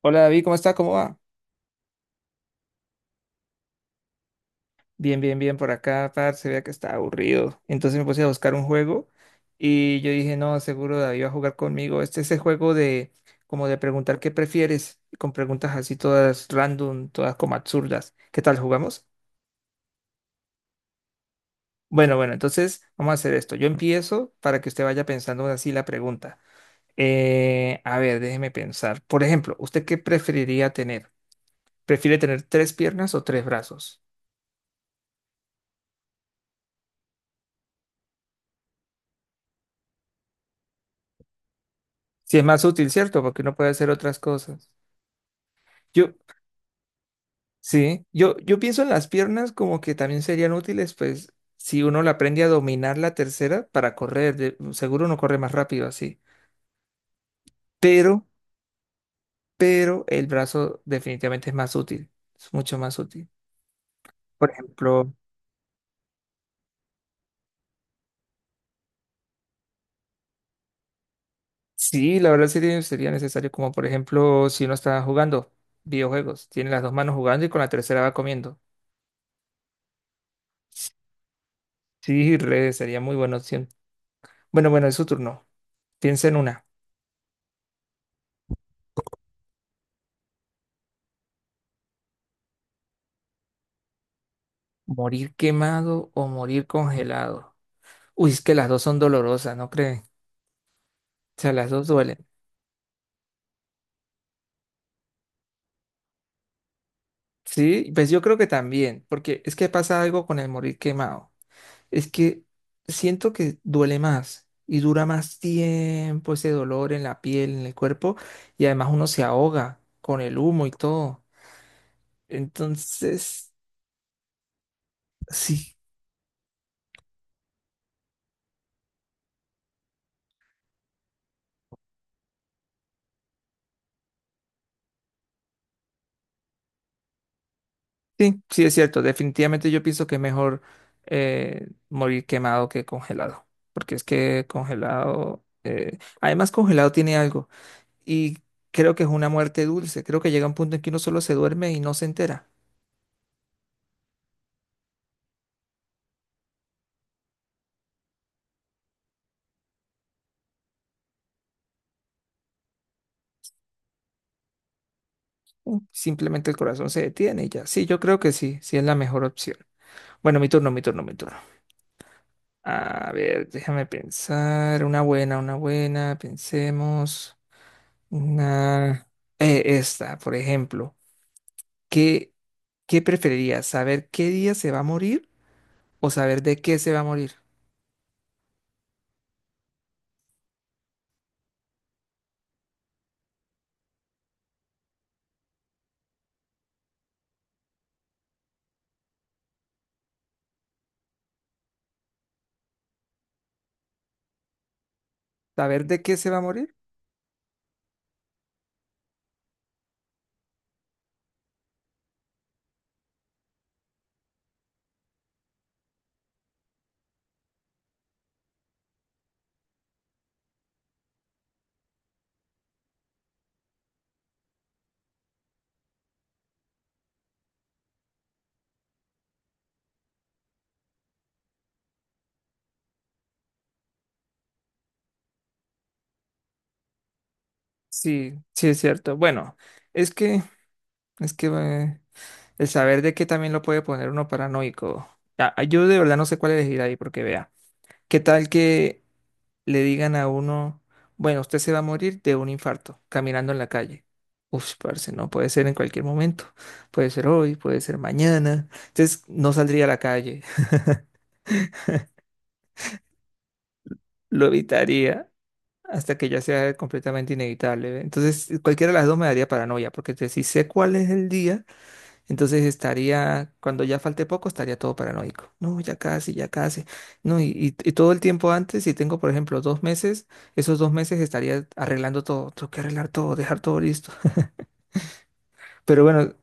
Hola David, ¿cómo está? ¿Cómo va? Bien, bien, bien por acá, par, se vea que está aburrido. Entonces me puse a buscar un juego y yo dije, no, seguro David va a jugar conmigo. Este es el juego de como de preguntar qué prefieres, con preguntas así todas random, todas como absurdas. ¿Qué tal jugamos? Bueno, bueno, entonces vamos a hacer esto. Yo empiezo para que usted vaya pensando así la pregunta. A ver, déjeme pensar. Por ejemplo, ¿usted qué preferiría tener? ¿Prefiere tener tres piernas o tres brazos? Si es más útil, ¿cierto? Porque uno puede hacer otras cosas. Yo, sí, yo pienso en las piernas como que también serían útiles, pues, si uno le aprende a dominar la tercera para correr, seguro uno corre más rápido así. Pero, pero el brazo definitivamente es más útil, es mucho más útil. Por ejemplo, sí, la verdad sería necesario, como por ejemplo, si uno está jugando videojuegos, tiene las dos manos jugando y con la tercera va comiendo. Sí, re, sería muy buena opción. Bueno, bueno, es su turno. Piensa en una. ¿Morir quemado o morir congelado? Uy, es que las dos son dolorosas, ¿no creen? O sea, las dos duelen. Sí, pues yo creo que también, porque es que pasa algo con el morir quemado. Es que siento que duele más y dura más tiempo ese dolor en la piel, en el cuerpo, y además uno se ahoga con el humo y todo. Entonces, sí, sí, sí es cierto. Definitivamente yo pienso que es mejor morir quemado que congelado, porque es que congelado, además congelado tiene algo. Y creo que es una muerte dulce. Creo que llega un punto en que uno solo se duerme y no se entera. Simplemente el corazón se detiene y ya. Sí, yo creo que sí, sí es la mejor opción. Bueno, mi turno, mi turno, mi turno. A ver, déjame pensar. Una buena, una buena. Pensemos. Una... esta, por ejemplo. ¿Qué, qué preferirías? ¿Saber qué día se va a morir o saber de qué se va a morir? ¿Saber de qué se va a morir? Sí, sí es cierto. Bueno, es que, es que el saber de que también lo puede poner uno paranoico. Ya. Yo de verdad no sé cuál elegir ahí, porque vea, ¿qué tal que le digan a uno, bueno, usted se va a morir de un infarto caminando en la calle? Uf, parce, no puede ser en cualquier momento. Puede ser hoy, puede ser mañana. Entonces no saldría a la calle, lo evitaría hasta que ya sea completamente inevitable. ¿Ve? Entonces cualquiera de las dos me daría paranoia, porque si sé cuál es el día. Entonces estaría, cuando ya falte poco, estaría todo paranoico. No, ya casi, ya casi. No, y todo el tiempo antes, si tengo, por ejemplo, 2 meses, esos 2 meses estaría arreglando todo. Tengo que arreglar todo, dejar todo listo. Pero bueno,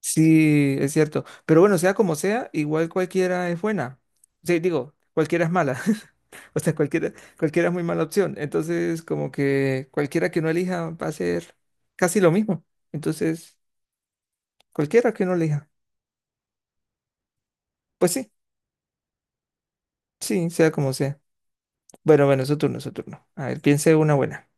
sí, es cierto. Pero bueno, sea como sea, igual cualquiera es buena. Sí, digo, cualquiera es mala. O sea, cualquiera es muy mala opción. Entonces, como que cualquiera que no elija va a ser casi lo mismo. Entonces, cualquiera que no elija. Pues sí, sí, sea como sea. Bueno, bueno, su turno, su turno. A ver, piense una buena.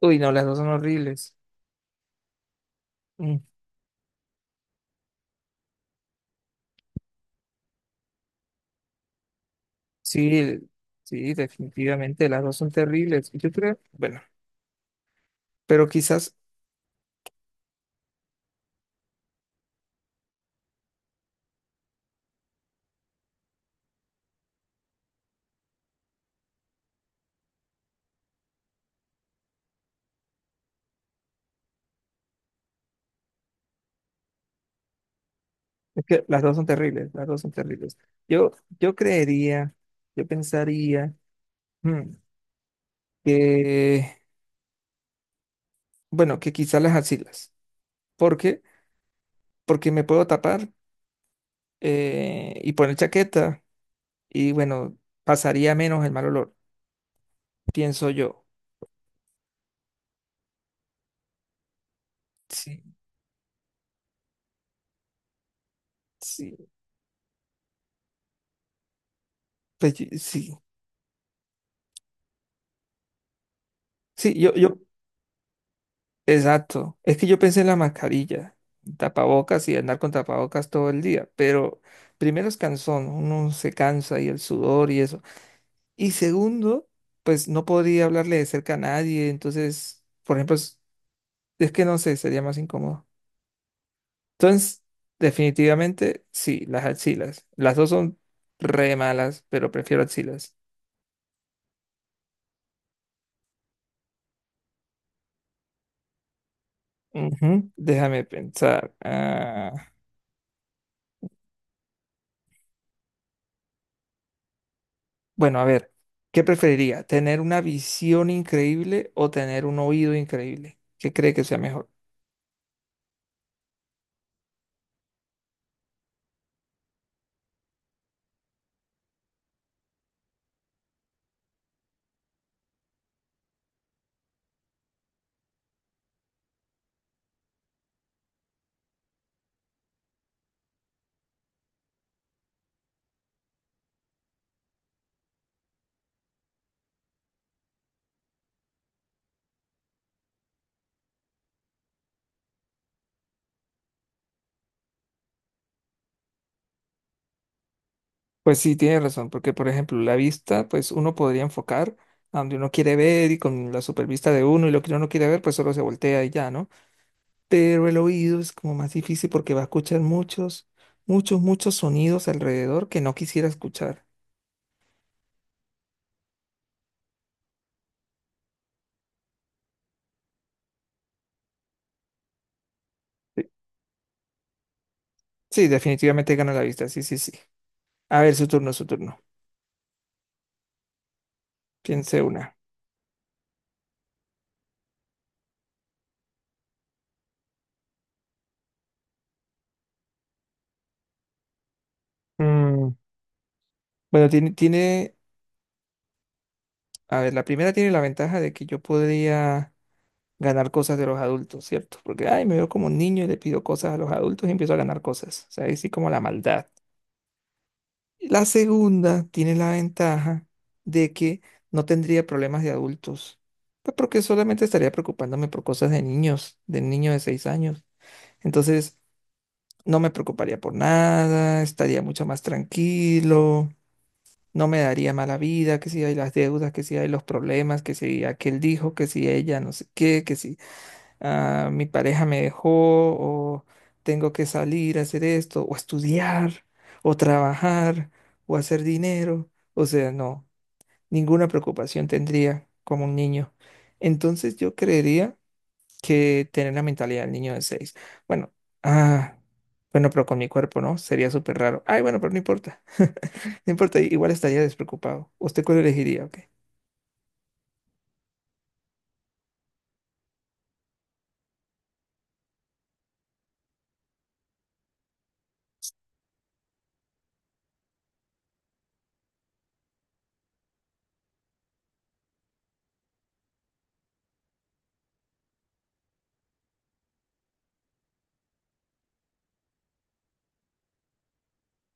Uy, no, las dos son horribles. Mm, sí, sí, definitivamente, las dos son terribles. Yo creo, bueno, pero quizás, es que las dos son terribles, las dos son terribles. Yo, yo creería, yo pensaría mm, que, bueno, que quizás las axilas. ¿Por qué? Porque me puedo tapar y poner chaqueta y, bueno, pasaría menos el mal olor, pienso yo. Sí, sí, pues, sí, sí, Sí, yo, yo. Exacto. Es que yo pensé en la mascarilla, tapabocas y andar con tapabocas todo el día, pero primero es cansón, uno se cansa y el sudor y eso. Y segundo, pues no podría hablarle de cerca a nadie, entonces, por ejemplo, es que no sé, sería más incómodo. Entonces, definitivamente, sí, las axilas. Las dos son re malas, pero prefiero axilas. Ujú. Déjame pensar. Ah, bueno, a ver, ¿qué preferiría? ¿Tener una visión increíble o tener un oído increíble? ¿Qué cree que sea mejor? Pues sí, tiene razón, porque por ejemplo, la vista, pues uno podría enfocar a donde uno quiere ver y con la supervista de uno y lo que uno no quiere ver, pues solo se voltea y ya, ¿no? Pero el oído es como más difícil porque va a escuchar muchos, muchos, muchos sonidos alrededor que no quisiera escuchar. Sí, sí, definitivamente gana la vista, sí, sí, sí. A ver, su turno, su turno. Piense una. Mm, Bueno, tiene, tiene a ver, la primera tiene la ventaja de que yo podría ganar cosas de los adultos, ¿cierto? Porque, ay, me veo como un niño y le pido cosas a los adultos y empiezo a ganar cosas. O sea, ahí sí como la maldad. La segunda tiene la ventaja de que no tendría problemas de adultos. Pues porque solamente estaría preocupándome por cosas de niños, de niño de 6 años. Entonces, no me preocuparía por nada, estaría mucho más tranquilo. No me daría mala vida, que si hay las deudas, que si hay los problemas, que si aquel dijo, que si ella no sé qué, que si ah, mi pareja me dejó o tengo que salir a hacer esto o estudiar o trabajar o hacer dinero. O sea, no, ninguna preocupación tendría como un niño. Entonces yo creería que tener la mentalidad del niño de seis. Bueno, ah, bueno, pero con mi cuerpo, ¿no? Sería súper raro. Ay, bueno, pero no importa. No importa, igual estaría despreocupado. ¿Usted cuál elegiría? ¿Ok?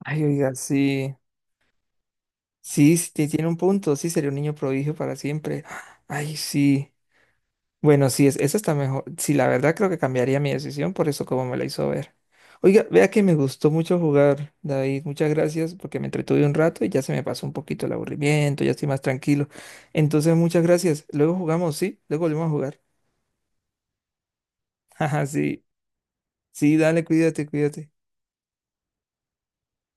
Ay, oiga, sí. Sí, sí, tiene un punto. Sí, sería un niño prodigio para siempre. Ay, sí. Bueno, sí, esa está mejor. Sí, la verdad creo que cambiaría mi decisión por eso como me la hizo ver. Oiga, vea que me gustó mucho jugar, David. Muchas gracias porque me entretuve un rato y ya se me pasó un poquito el aburrimiento, ya estoy más tranquilo. Entonces, muchas gracias. Luego jugamos, ¿sí? Luego volvemos a jugar. Ajá, sí. Sí, dale, cuídate, cuídate.